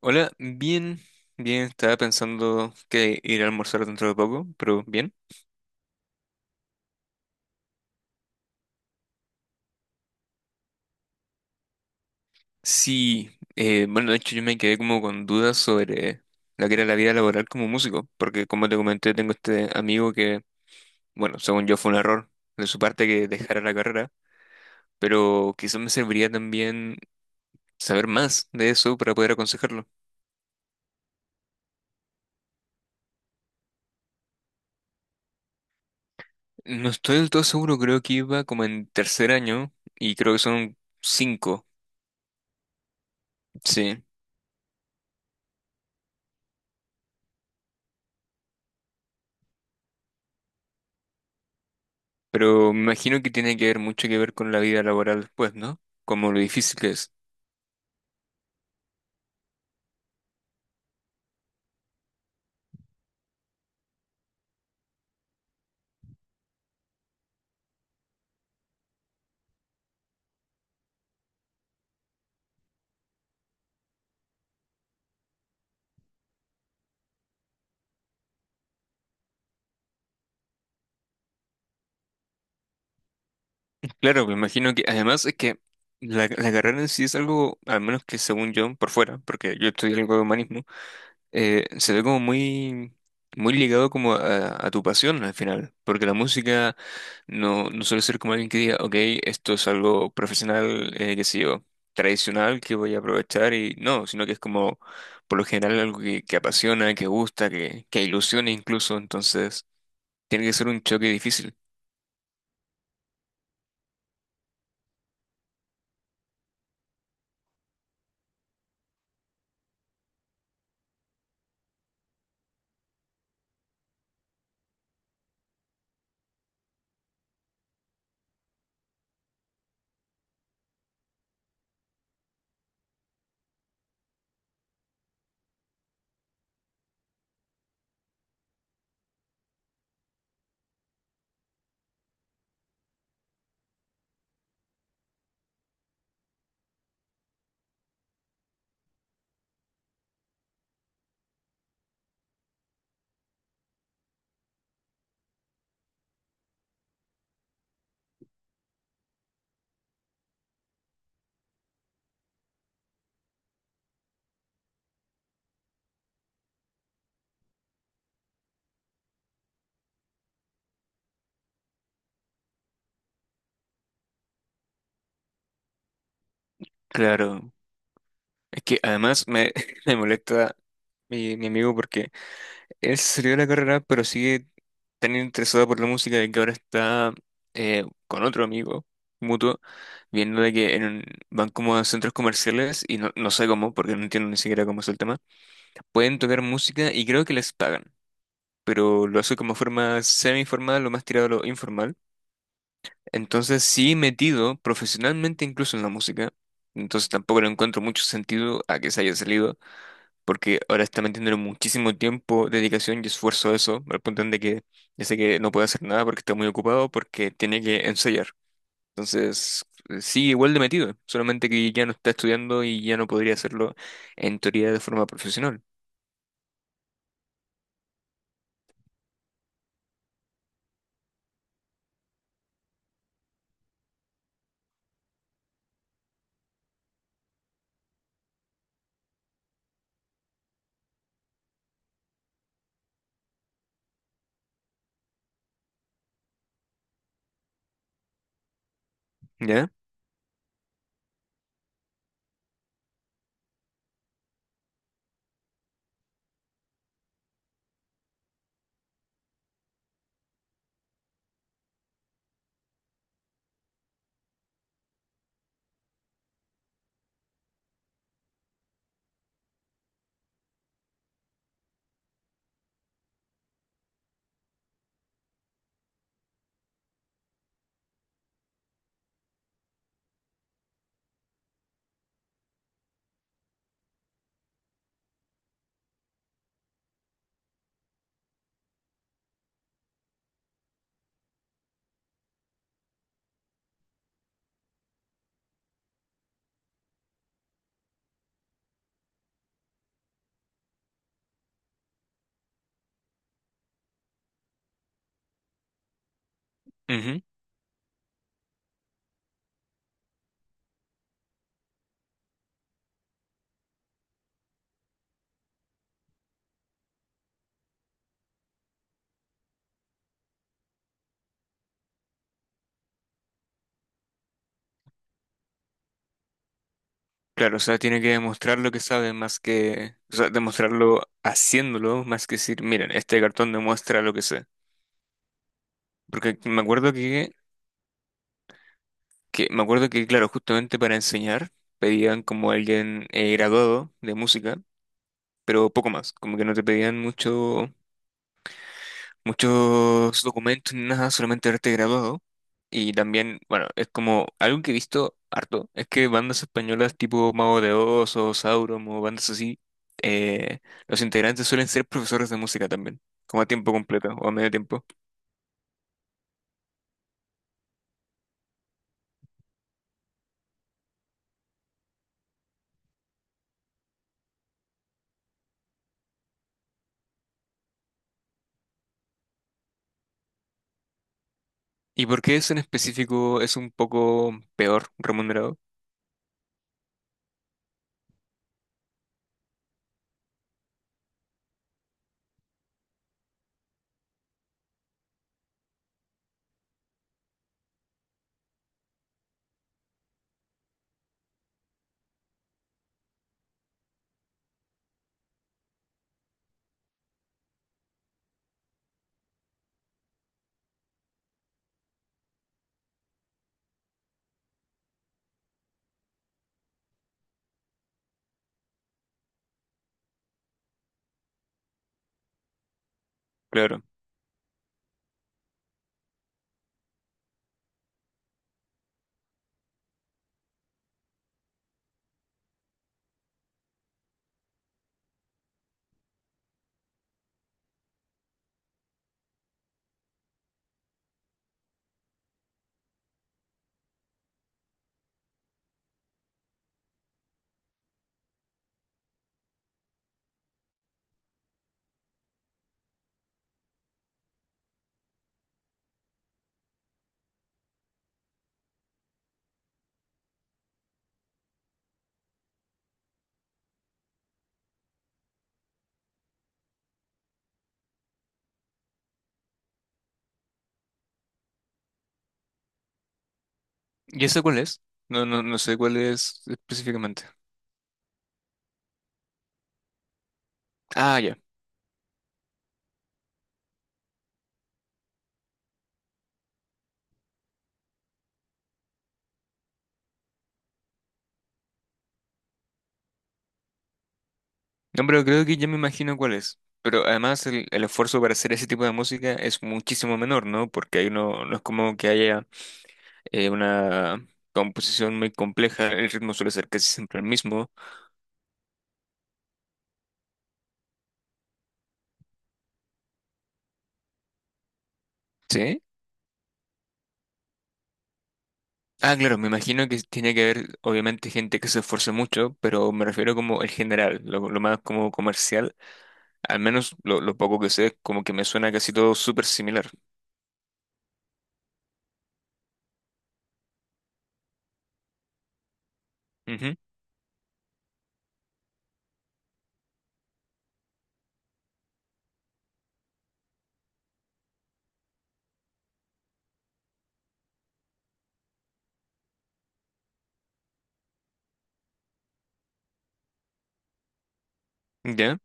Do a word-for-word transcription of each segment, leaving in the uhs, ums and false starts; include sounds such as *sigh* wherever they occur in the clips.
Hola, bien, bien, estaba pensando que ir a almorzar dentro de poco, pero bien. Sí, eh, bueno, de hecho yo me quedé como con dudas sobre la que era la vida laboral como músico, porque como te comenté, tengo este amigo que, bueno, según yo fue un error de su parte que dejara la carrera, pero quizás me serviría también saber más de eso para poder aconsejarlo. No estoy del todo seguro, creo que iba como en tercer año y creo que son cinco, sí. Pero me imagino que tiene que ver mucho que ver con la vida laboral después, ¿no? Como lo difícil que es. Claro, me imagino que además es que la, la carrera en sí es algo, al menos que según yo, por fuera, porque yo estudié algo de humanismo. eh, se ve como muy, muy ligado como a, a tu pasión al final, porque la música no, no suele ser como alguien que diga, ok, esto es algo profesional, eh, qué sé yo, tradicional que voy a aprovechar y no, sino que es como por lo general algo que, que apasiona, que gusta, que, que ilusiona incluso, entonces tiene que ser un choque difícil. Claro, es que además me, *laughs* me molesta mi, mi amigo porque... Él se salió de la carrera, pero sigue tan interesado por la música de que ahora está eh, con otro amigo mutuo, viendo de que en un- van como a centros comerciales y no, no sé cómo, porque no entiendo ni siquiera cómo es el tema, pueden tocar música y creo que les pagan, pero lo hace como forma semi-formal, lo más tirado a lo informal. Entonces sí metido profesionalmente incluso en la música, entonces tampoco le encuentro mucho sentido a que se haya salido porque ahora está metiéndole muchísimo tiempo, dedicación y esfuerzo a eso, al punto en de que ya sé que no puede hacer nada porque está muy ocupado, porque tiene que ensayar. Entonces, eh, sigue igual de metido, solamente que ya no está estudiando y ya no podría hacerlo en teoría de forma profesional, ¿ya? Ujú. Claro, o sea, tiene que demostrar lo que sabe más que, o sea, demostrarlo haciéndolo más que decir, miren, este cartón demuestra lo que sé. Porque me acuerdo que que me acuerdo que, claro, justamente para enseñar pedían como alguien eh, graduado de música, pero poco más, como que no te pedían mucho, muchos documentos ni nada, solamente haberte graduado. Y también, bueno, es como algo que he visto harto, es que bandas españolas tipo Mago de Oz o Sauron o bandas así, eh, los integrantes suelen ser profesores de música también, como a tiempo completo o a medio tiempo. ¿Y por qué eso en específico es un poco peor remunerado? Claro. ¿Y ese cuál es? No, no, no sé cuál es específicamente. Ah, ya. No, pero creo que ya me imagino cuál es. Pero además el, el esfuerzo para hacer ese tipo de música es muchísimo menor, ¿no? Porque ahí no, no es como que haya eh, una composición muy compleja, el ritmo suele ser casi siempre el mismo. ¿Sí? Ah, claro, me imagino que tiene que haber, obviamente, gente que se esfuerce mucho, pero me refiero como el general, lo, lo más como comercial, al menos lo, lo poco que sé, como que me suena casi todo súper similar. Ujú. ¿Ya?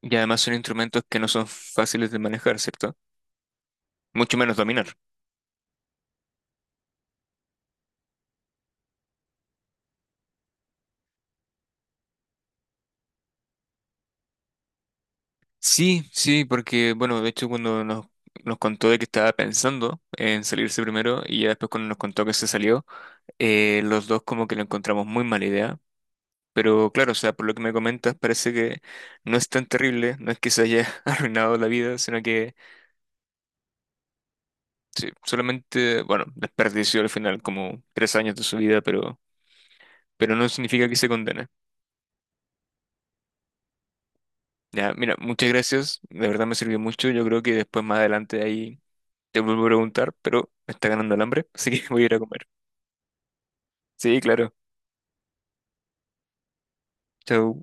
Y además son instrumentos que no son fáciles de manejar, ¿cierto? Mucho menos dominar. Sí, sí, porque, bueno, de hecho cuando nos, nos contó de que estaba pensando en salirse primero y ya después cuando nos contó que se salió, eh, los dos como que lo encontramos muy mala idea. Pero claro, o sea, por lo que me comentas, parece que no es tan terrible, no es que se haya *laughs* arruinado la vida, sino que sí, solamente, bueno, desperdició al final como tres años de su vida, pero, pero no significa que se condene. Ya, mira, muchas gracias. De verdad me sirvió mucho. Yo creo que después más adelante ahí te vuelvo a preguntar, pero me está ganando el hambre, así que *laughs* voy a ir a comer. Sí, claro. Chau.